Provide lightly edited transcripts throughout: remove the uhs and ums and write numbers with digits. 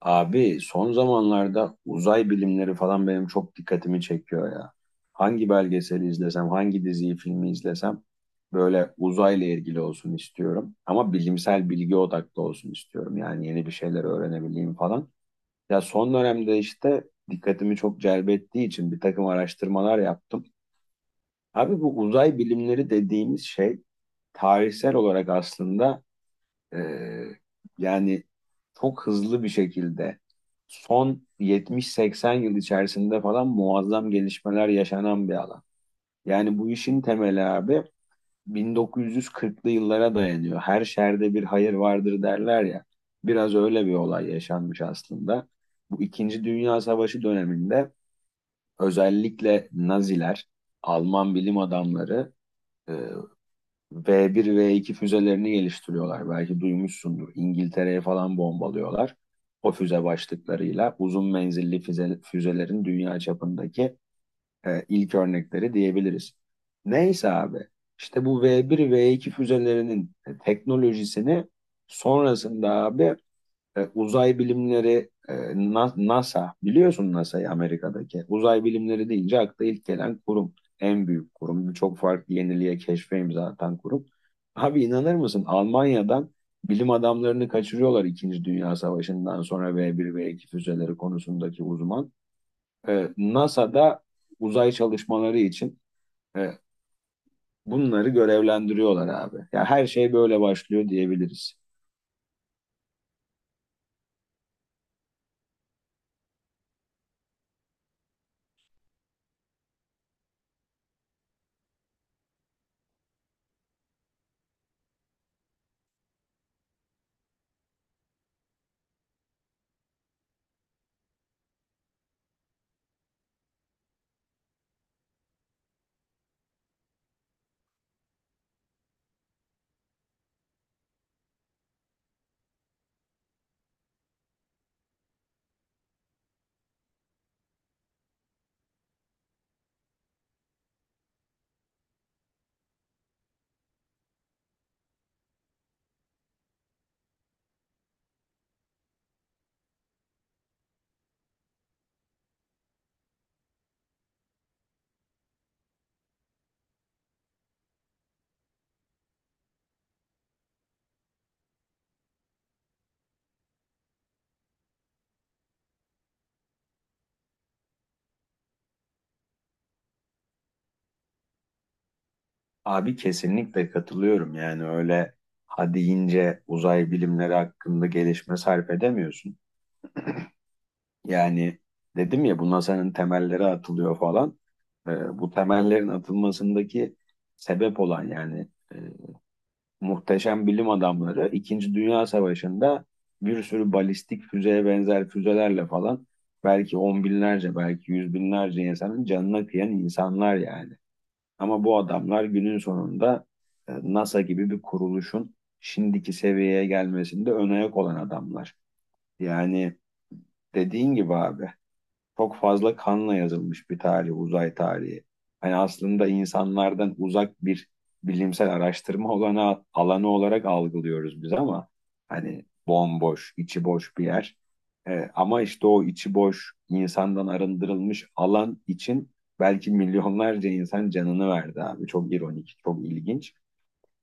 Abi son zamanlarda uzay bilimleri falan benim çok dikkatimi çekiyor ya. Hangi belgeseli izlesem, hangi diziyi, filmi izlesem böyle uzayla ilgili olsun istiyorum. Ama bilimsel bilgi odaklı olsun istiyorum. Yani yeni bir şeyler öğrenebileyim falan. Ya son dönemde işte dikkatimi çok celbettiği için bir takım araştırmalar yaptım. Abi bu uzay bilimleri dediğimiz şey tarihsel olarak aslında ee, yani çok hızlı bir şekilde son 70-80 yıl içerisinde falan muazzam gelişmeler yaşanan bir alan. Yani bu işin temeli abi 1940'lı yıllara dayanıyor. Her şerde bir hayır vardır derler ya. Biraz öyle bir olay yaşanmış aslında. Bu İkinci Dünya Savaşı döneminde özellikle Naziler, Alman bilim adamları e, V1, V2 füzelerini geliştiriyorlar. Belki duymuşsundur. İngiltere'ye falan bombalıyorlar. O füze başlıklarıyla uzun menzilli füzelerin dünya çapındaki ilk örnekleri diyebiliriz. Neyse abi, işte bu V1, V2 füzelerinin teknolojisini sonrasında abi, uzay bilimleri, NASA biliyorsun, NASA'yı Amerika'daki uzay bilimleri deyince akla ilk gelen kurum, en büyük kurum, çok farklı yeniliğe keşfe imza atan kurum. Abi inanır mısın, Almanya'dan bilim adamlarını kaçırıyorlar İkinci Dünya Savaşı'ndan sonra V1 V2 füzeleri konusundaki uzman. NASA'da uzay çalışmaları için e, bunları görevlendiriyorlar abi. Ya her şey böyle başlıyor diyebiliriz. Abi kesinlikle katılıyorum. Yani öyle ha deyince uzay bilimleri hakkında gelişme sarf edemiyorsun. Yani dedim ya, bu NASA'nın temelleri atılıyor falan. Bu temellerin atılmasındaki sebep olan, yani e, muhteşem bilim adamları İkinci Dünya Savaşı'nda bir sürü balistik füzeye benzer füzelerle falan belki 10 binlerce, belki 100 binlerce insanın canına kıyan insanlar yani. Ama bu adamlar günün sonunda NASA gibi bir kuruluşun şimdiki seviyeye gelmesinde ön ayak olan adamlar. Yani dediğin gibi abi, çok fazla kanla yazılmış bir tarih, uzay tarihi. Hani aslında insanlardan uzak bir bilimsel araştırma alanı olarak algılıyoruz biz, ama hani bomboş, içi boş bir yer. Ama işte o içi boş, insandan arındırılmış alan için belki milyonlarca insan canını verdi abi. Çok ironik, çok ilginç.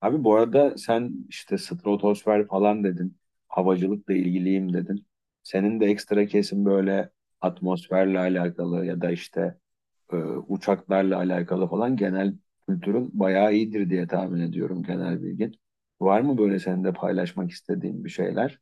Abi bu arada sen işte stratosfer falan dedin. Havacılıkla ilgiliyim dedin. Senin de ekstra kesin böyle atmosferle alakalı ya da işte e, uçaklarla alakalı falan genel kültürün bayağı iyidir diye tahmin ediyorum, genel bilgin. Var mı böyle senin de paylaşmak istediğin bir şeyler?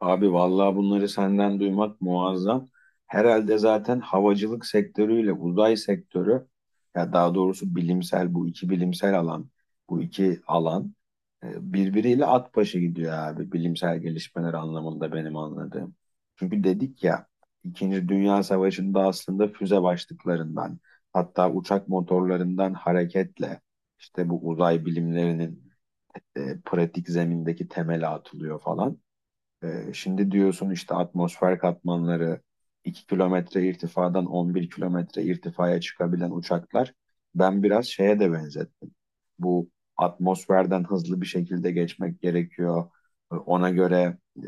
Abi vallahi bunları senden duymak muazzam. Herhalde zaten havacılık sektörüyle uzay sektörü, ya daha doğrusu bu iki bilimsel alan, bu iki alan birbiriyle at başı gidiyor abi, bilimsel gelişmeler anlamında benim anladığım. Çünkü dedik ya, İkinci Dünya Savaşı'nda aslında füze başlıklarından, hatta uçak motorlarından hareketle işte bu uzay bilimlerinin pratik zemindeki temeli atılıyor falan. Şimdi diyorsun işte atmosfer katmanları, 2 kilometre irtifadan 11 kilometre irtifaya çıkabilen uçaklar, ben biraz şeye de benzettim. Bu atmosferden hızlı bir şekilde geçmek gerekiyor. Ona göre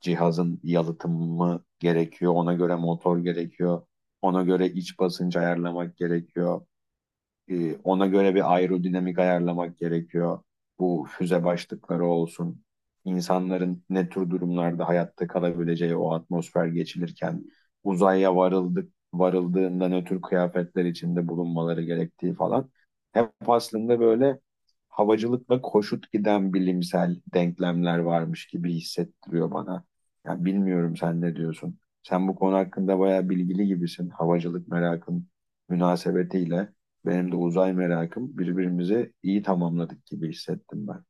cihazın yalıtımı gerekiyor. Ona göre motor gerekiyor. Ona göre iç basıncı ayarlamak gerekiyor. Ona göre bir aerodinamik ayarlamak gerekiyor. Bu füze başlıkları olsun. İnsanların ne tür durumlarda hayatta kalabileceği, o atmosfer geçilirken uzaya varıldığında ne tür kıyafetler içinde bulunmaları gerektiği falan. Hep aslında böyle havacılıkla koşut giden bilimsel denklemler varmış gibi hissettiriyor bana. Yani bilmiyorum, sen ne diyorsun? Sen bu konu hakkında bayağı bilgili gibisin. Havacılık merakın münasebetiyle benim de uzay merakım, birbirimizi iyi tamamladık gibi hissettim ben.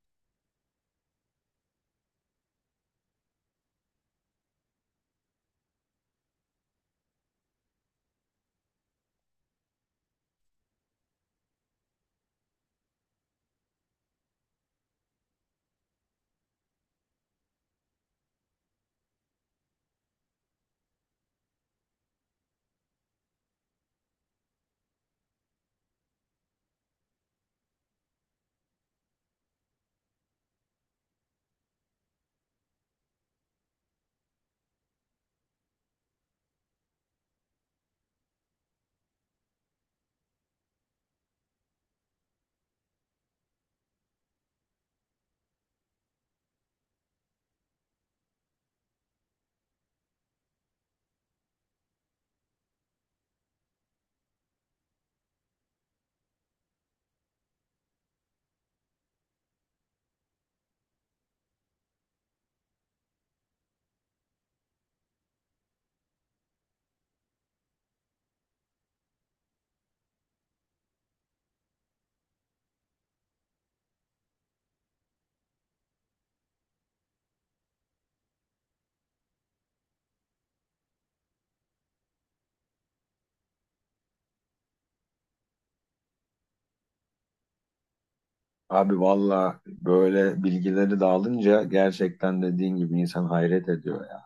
Abi valla böyle bilgileri dağılınca gerçekten dediğin gibi insan hayret ediyor ya.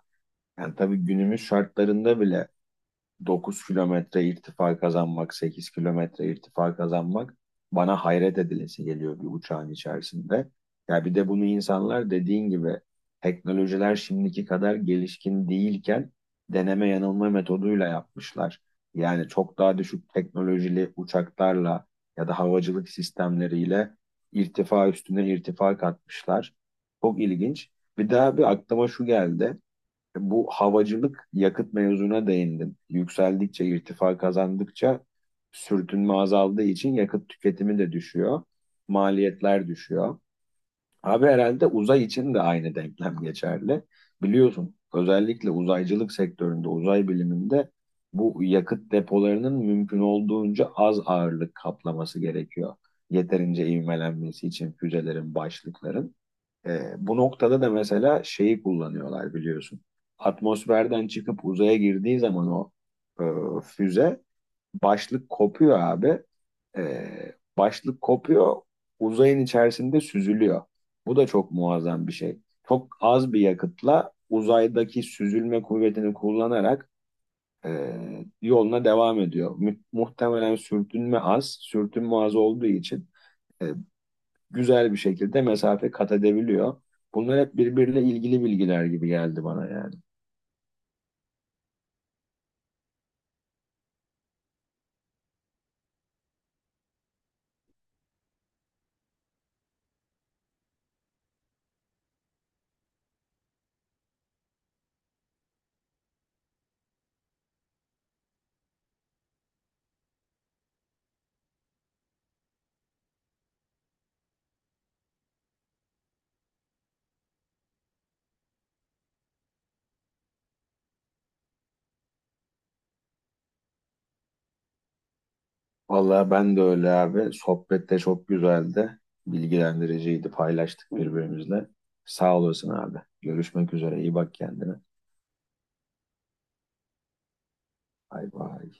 Yani tabii günümüz şartlarında bile 9 kilometre irtifa kazanmak, 8 kilometre irtifa kazanmak bana hayret edilesi geliyor bir uçağın içerisinde. Ya bir de bunu insanlar dediğin gibi teknolojiler şimdiki kadar gelişkin değilken deneme yanılma metoduyla yapmışlar. Yani çok daha düşük teknolojili uçaklarla ya da havacılık sistemleriyle irtifa üstüne irtifa katmışlar. Çok ilginç. Bir daha bir aklıma şu geldi, bu havacılık yakıt mevzuna değindin. Yükseldikçe, irtifa kazandıkça sürtünme azaldığı için yakıt tüketimi de düşüyor. Maliyetler düşüyor. Abi herhalde uzay için de aynı denklem geçerli. Biliyorsun özellikle uzaycılık sektöründe, uzay biliminde bu yakıt depolarının mümkün olduğunca az ağırlık kaplaması gerekiyor. Yeterince ivmelenmesi için füzelerin, başlıkların. Bu noktada da mesela şeyi kullanıyorlar biliyorsun. Atmosferden çıkıp uzaya girdiği zaman o, e, füze başlık kopuyor abi. E, Başlık kopuyor, uzayın içerisinde süzülüyor. Bu da çok muazzam bir şey. Çok az bir yakıtla uzaydaki süzülme kuvvetini kullanarak e, yoluna devam ediyor. Muhtemelen sürtünme az olduğu için e, güzel bir şekilde mesafe kat edebiliyor. Bunlar hep birbiriyle ilgili bilgiler gibi geldi bana yani. Vallahi ben de öyle abi. Sohbet de çok güzeldi. Bilgilendiriciydi. Paylaştık birbirimizle. Sağ olasın abi. Görüşmek üzere. İyi bak kendine. Bay bay.